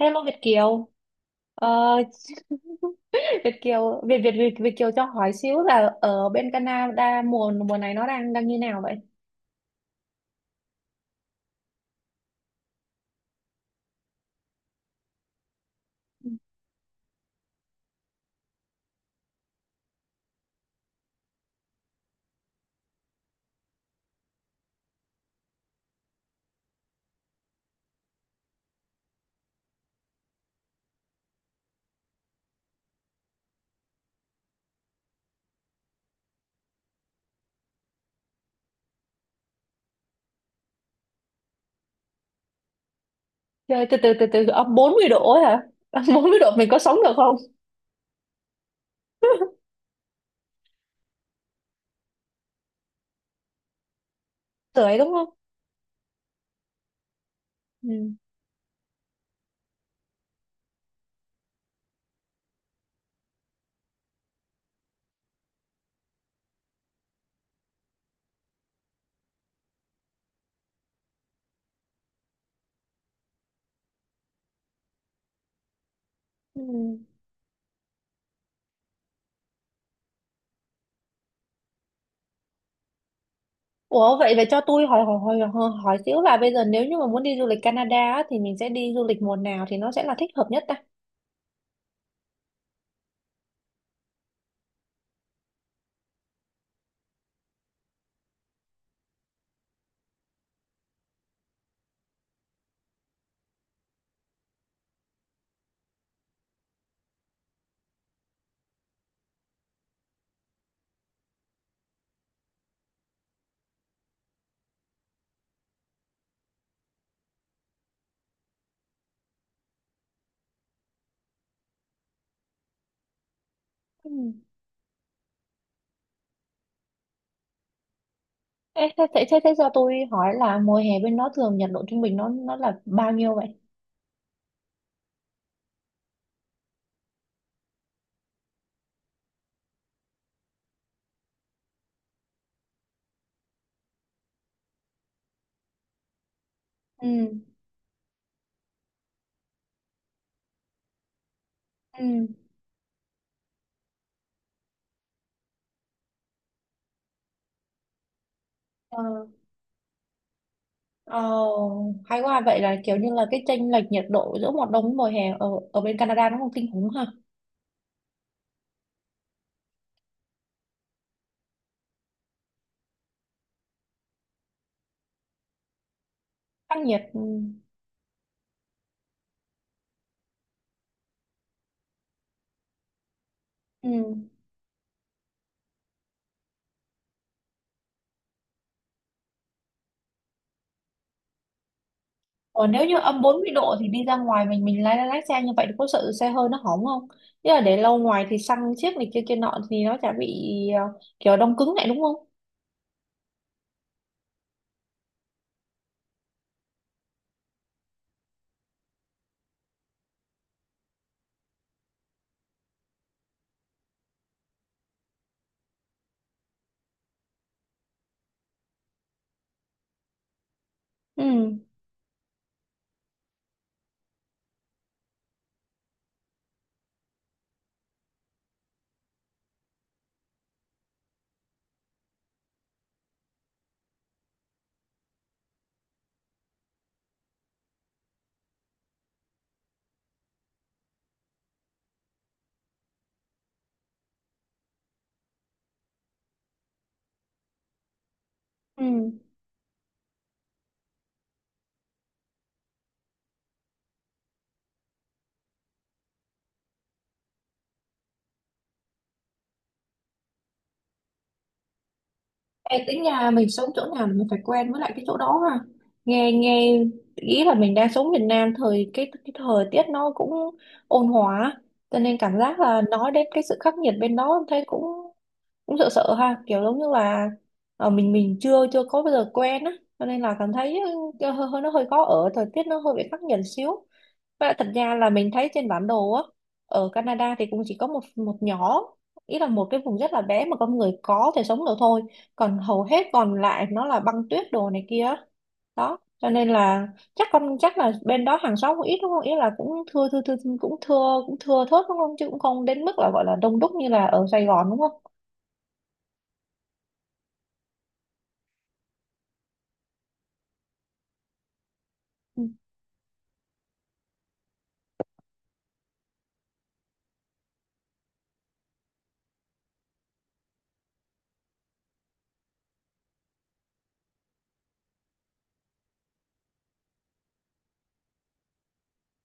Hello Việt Kiều. Ờ, Việt Kiều Việt Kiều cho hỏi xíu là ở bên Canada mùa mùa này nó đang đang như nào vậy trời từ từ từ từ âm 40 độ ấy hả? Âm 40 độ mình có sống được không? Sưởi đúng không? Ừ. Ừ. Ủa vậy vậy cho tôi hỏi hỏi hỏi hỏi hỏi xíu là bây giờ nếu như mà muốn đi du lịch Canada á, thì mình sẽ đi du lịch mùa nào thì nó sẽ là thích hợp nhất ta? Ừ. Ê, thế cho tôi hỏi là mùa hè bên đó thường nhiệt độ trung bình nó là bao nhiêu vậy? Ừ. Ừ. Ờ, ờ, Hay quá, vậy là kiểu như là cái chênh lệch nhiệt độ giữa mùa đông với mùa hè ở ở bên Canada nó không kinh khủng ha? Khắc nghiệt ừ. Ừ. Ờ, nếu như âm 40 độ thì đi ra ngoài mình lái lái xe như vậy thì có sợ xe hơi nó hỏng không? Chứ là để lâu ngoài thì xăng chiếc này kia kia nọ thì nó chả bị kiểu đông cứng lại đúng không? Ừ. Ừ. Ê, tính nhà mình sống chỗ nào là mình phải quen với lại cái chỗ đó ha. Nghe nghe ý là mình đang sống Việt Nam thời cái thời tiết nó cũng ôn hòa, cho nên cảm giác là nói đến cái sự khắc nghiệt bên đó thấy cũng cũng sợ sợ ha, kiểu giống như là mình chưa chưa có bao giờ quen á, cho nên là cảm thấy hơi nó hơi khó ở, thời tiết nó hơi bị khắc nghiệt xíu. Và thật ra là mình thấy trên bản đồ á, ở Canada thì cũng chỉ có một một nhỏ, ý là một cái vùng rất là bé mà con người có thể sống được thôi. Còn hầu hết còn lại nó là băng tuyết đồ này kia á. Đó, cho nên là chắc chắc là bên đó hàng xóm cũng ít đúng không? Ý là cũng thưa thưa thưa cũng thưa, cũng thưa thớt đúng không? Chứ cũng không đến mức là gọi là đông đúc như là ở Sài Gòn đúng không? Ừ.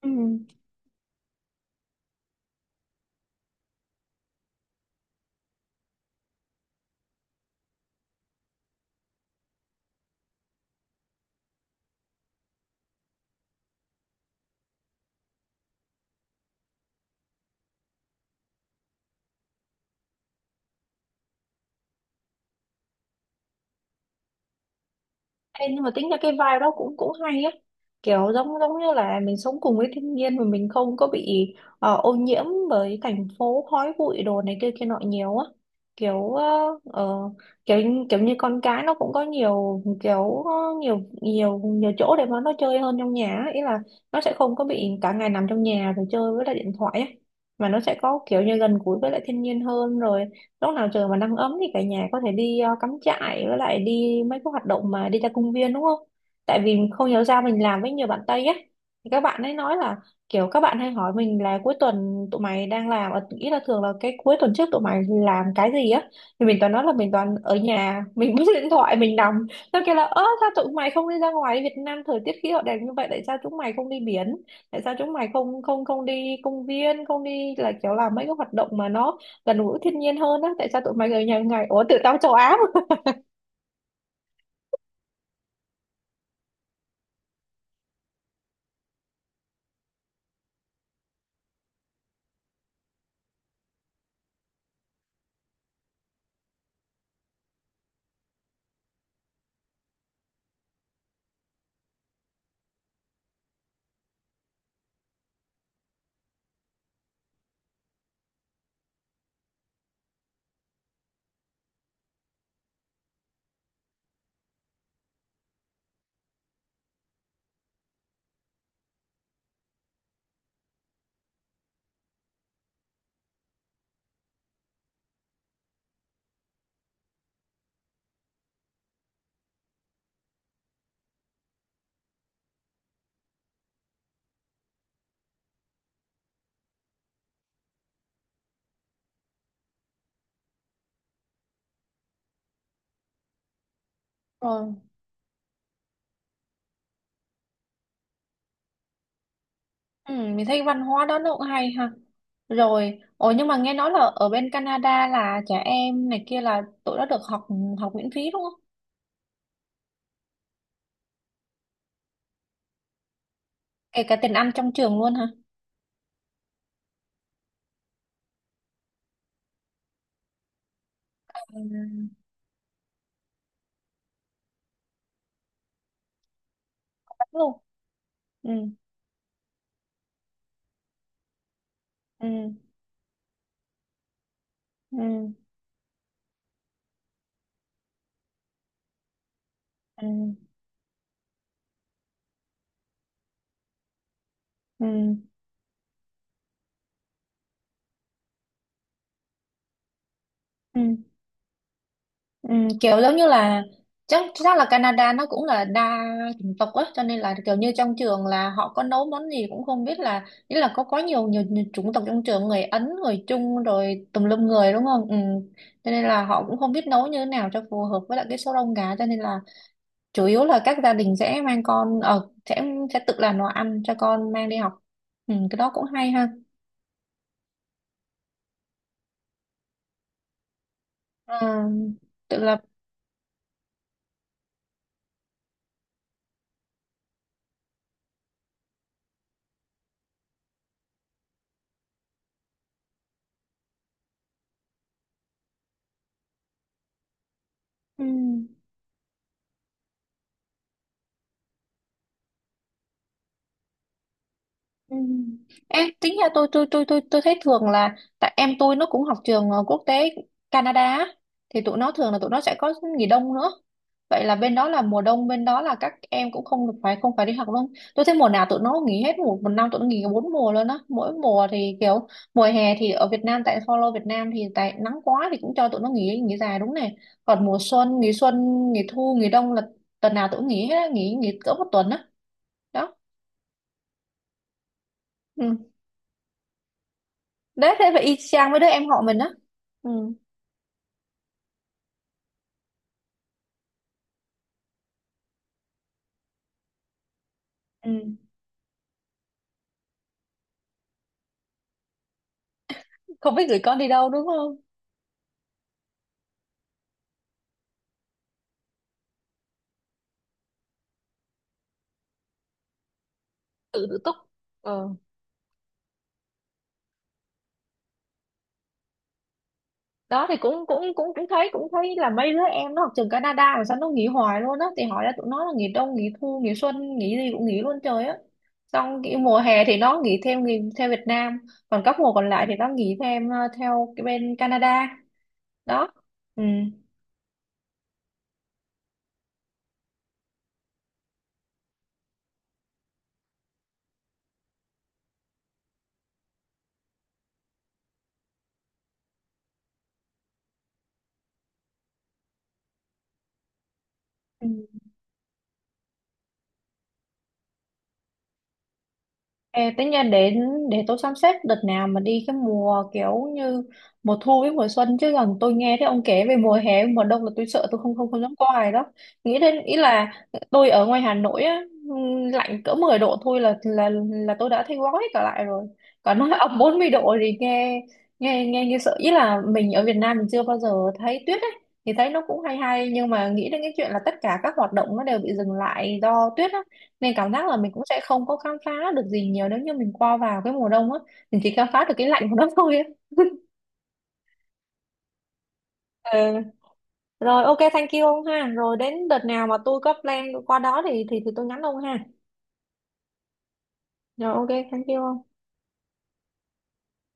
Ừ. Ê, nhưng mà tính ra cái vibe đó cũng cũng hay á, kiểu giống giống như là mình sống cùng với thiên nhiên mà mình không có bị ô nhiễm bởi thành phố khói bụi đồ này kia kia nọ nhiều á, kiểu ờ, ờ, kiểu kiểu như con cái nó cũng có nhiều kiểu ờ, nhiều nhiều nhiều chỗ để mà nó chơi hơn trong nhà á. Ý là nó sẽ không có bị cả ngày nằm trong nhà rồi chơi với lại điện thoại á, mà nó sẽ có kiểu như gần gũi với lại thiên nhiên hơn. Rồi lúc nào trời mà nắng ấm thì cả nhà có thể đi cắm trại với lại đi mấy cái hoạt động mà đi ra công viên, đúng không? Tại vì không hiểu sao mình làm với nhiều bạn Tây ấy, thì các bạn ấy nói là kiểu các bạn hay hỏi mình là cuối tuần tụi mày đang làm ý là thường là cái cuối tuần trước tụi mày làm cái gì á, thì mình toàn nói là mình toàn ở nhà mình bấm điện thoại mình nằm. Nó kêu là ơ sao tụi mày không đi ra ngoài, Việt Nam thời tiết khí hậu đẹp như vậy tại sao chúng mày không đi biển, tại sao chúng mày không không không đi công viên không đi là kiểu làm mấy cái hoạt động mà nó gần gũi thiên nhiên hơn á, tại sao tụi mày ở nhà ngày ủa tự tao châu Á mà. Ờ, ừ, mình thấy văn hóa đó nó cũng hay ha. Rồi, ồ nhưng mà nghe nói là ở bên Canada là trẻ em này kia là tụi nó được học học miễn phí đúng không? Kể cả tiền ăn trong trường luôn hả? Ừ. Đúng luôn. Ừ, ừ, ừ, ừ, ừ, ừ. Kiểu giống như là chắc chắc là Canada nó cũng là đa chủng tộc á, cho nên là kiểu như trong trường là họ có nấu món gì cũng không biết, là nghĩa là có quá nhiều nhiều, nhiều chủng tộc trong trường, người Ấn người Trung rồi tùm lum người đúng không? Cho nên là họ cũng không biết nấu như thế nào cho phù hợp với lại cái số đông gà, cho nên là chủ yếu là các gia đình sẽ mang con sẽ tự làm đồ ăn cho con mang đi học. Cái đó cũng hay ha. Ờ, tự lập. Ừ. Ừ. Ê, tính ra tôi thấy thường là tại em tôi nó cũng học trường quốc tế Canada á, thì tụi nó thường là tụi nó sẽ có nghỉ đông nữa. Vậy là bên đó là mùa đông bên đó là các em cũng không được phải không phải đi học luôn, tôi thấy mùa nào tụi nó nghỉ hết, một một năm tụi nó nghỉ bốn mùa luôn á, mỗi mùa thì kiểu mùa hè thì ở Việt Nam tại follow Việt Nam thì tại nắng quá thì cũng cho tụi nó nghỉ nghỉ dài đúng này, còn mùa xuân nghỉ thu nghỉ đông là tuần nào tụi nó nghỉ hết á, nghỉ nghỉ cỡ một tuần á. Đó. Ừ. Đấy thế phải y chang với đứa em họ mình á. ừ ừ. Không biết gửi con đi đâu đúng không? Tự tự túc. Ờ. Đó thì cũng cũng cũng cũng thấy thấy là mấy đứa em nó học trường Canada mà sao nó nghỉ hoài luôn á, thì hỏi là tụi nó là nghỉ đông nghỉ thu nghỉ xuân nghỉ gì cũng nghỉ luôn trời á. Xong cái mùa hè thì nó nghỉ thêm nghỉ theo Việt Nam, còn các mùa còn lại thì nó nghỉ thêm theo cái bên Canada. Đó. Ừ. Ừ. Ê, tính ra để tôi sắp xếp đợt nào mà đi cái mùa kiểu như mùa thu với mùa xuân, chứ còn tôi nghe thấy ông kể về mùa hè mùa đông là tôi sợ, tôi không không không dám coi đó, nghĩ đến. Ý là tôi ở ngoài Hà Nội á, lạnh cỡ 10 độ thôi là tôi đã thấy gói cả lại rồi, còn nói âm 40 độ thì nghe nghe nghe như sợ. Ý là mình ở Việt Nam mình chưa bao giờ thấy tuyết ấy, thì thấy nó cũng hay hay, nhưng mà nghĩ đến cái chuyện là tất cả các hoạt động nó đều bị dừng lại do tuyết á, nên cảm giác là mình cũng sẽ không có khám phá được gì nhiều nếu như mình qua vào cái mùa đông á. Mình chỉ khám phá được cái lạnh của nó thôi á. Ờ. Rồi, ok thank you ông ha. Rồi đến đợt nào mà tôi có plan qua đó thì tôi nhắn ông ha. Rồi, ok thank you ông.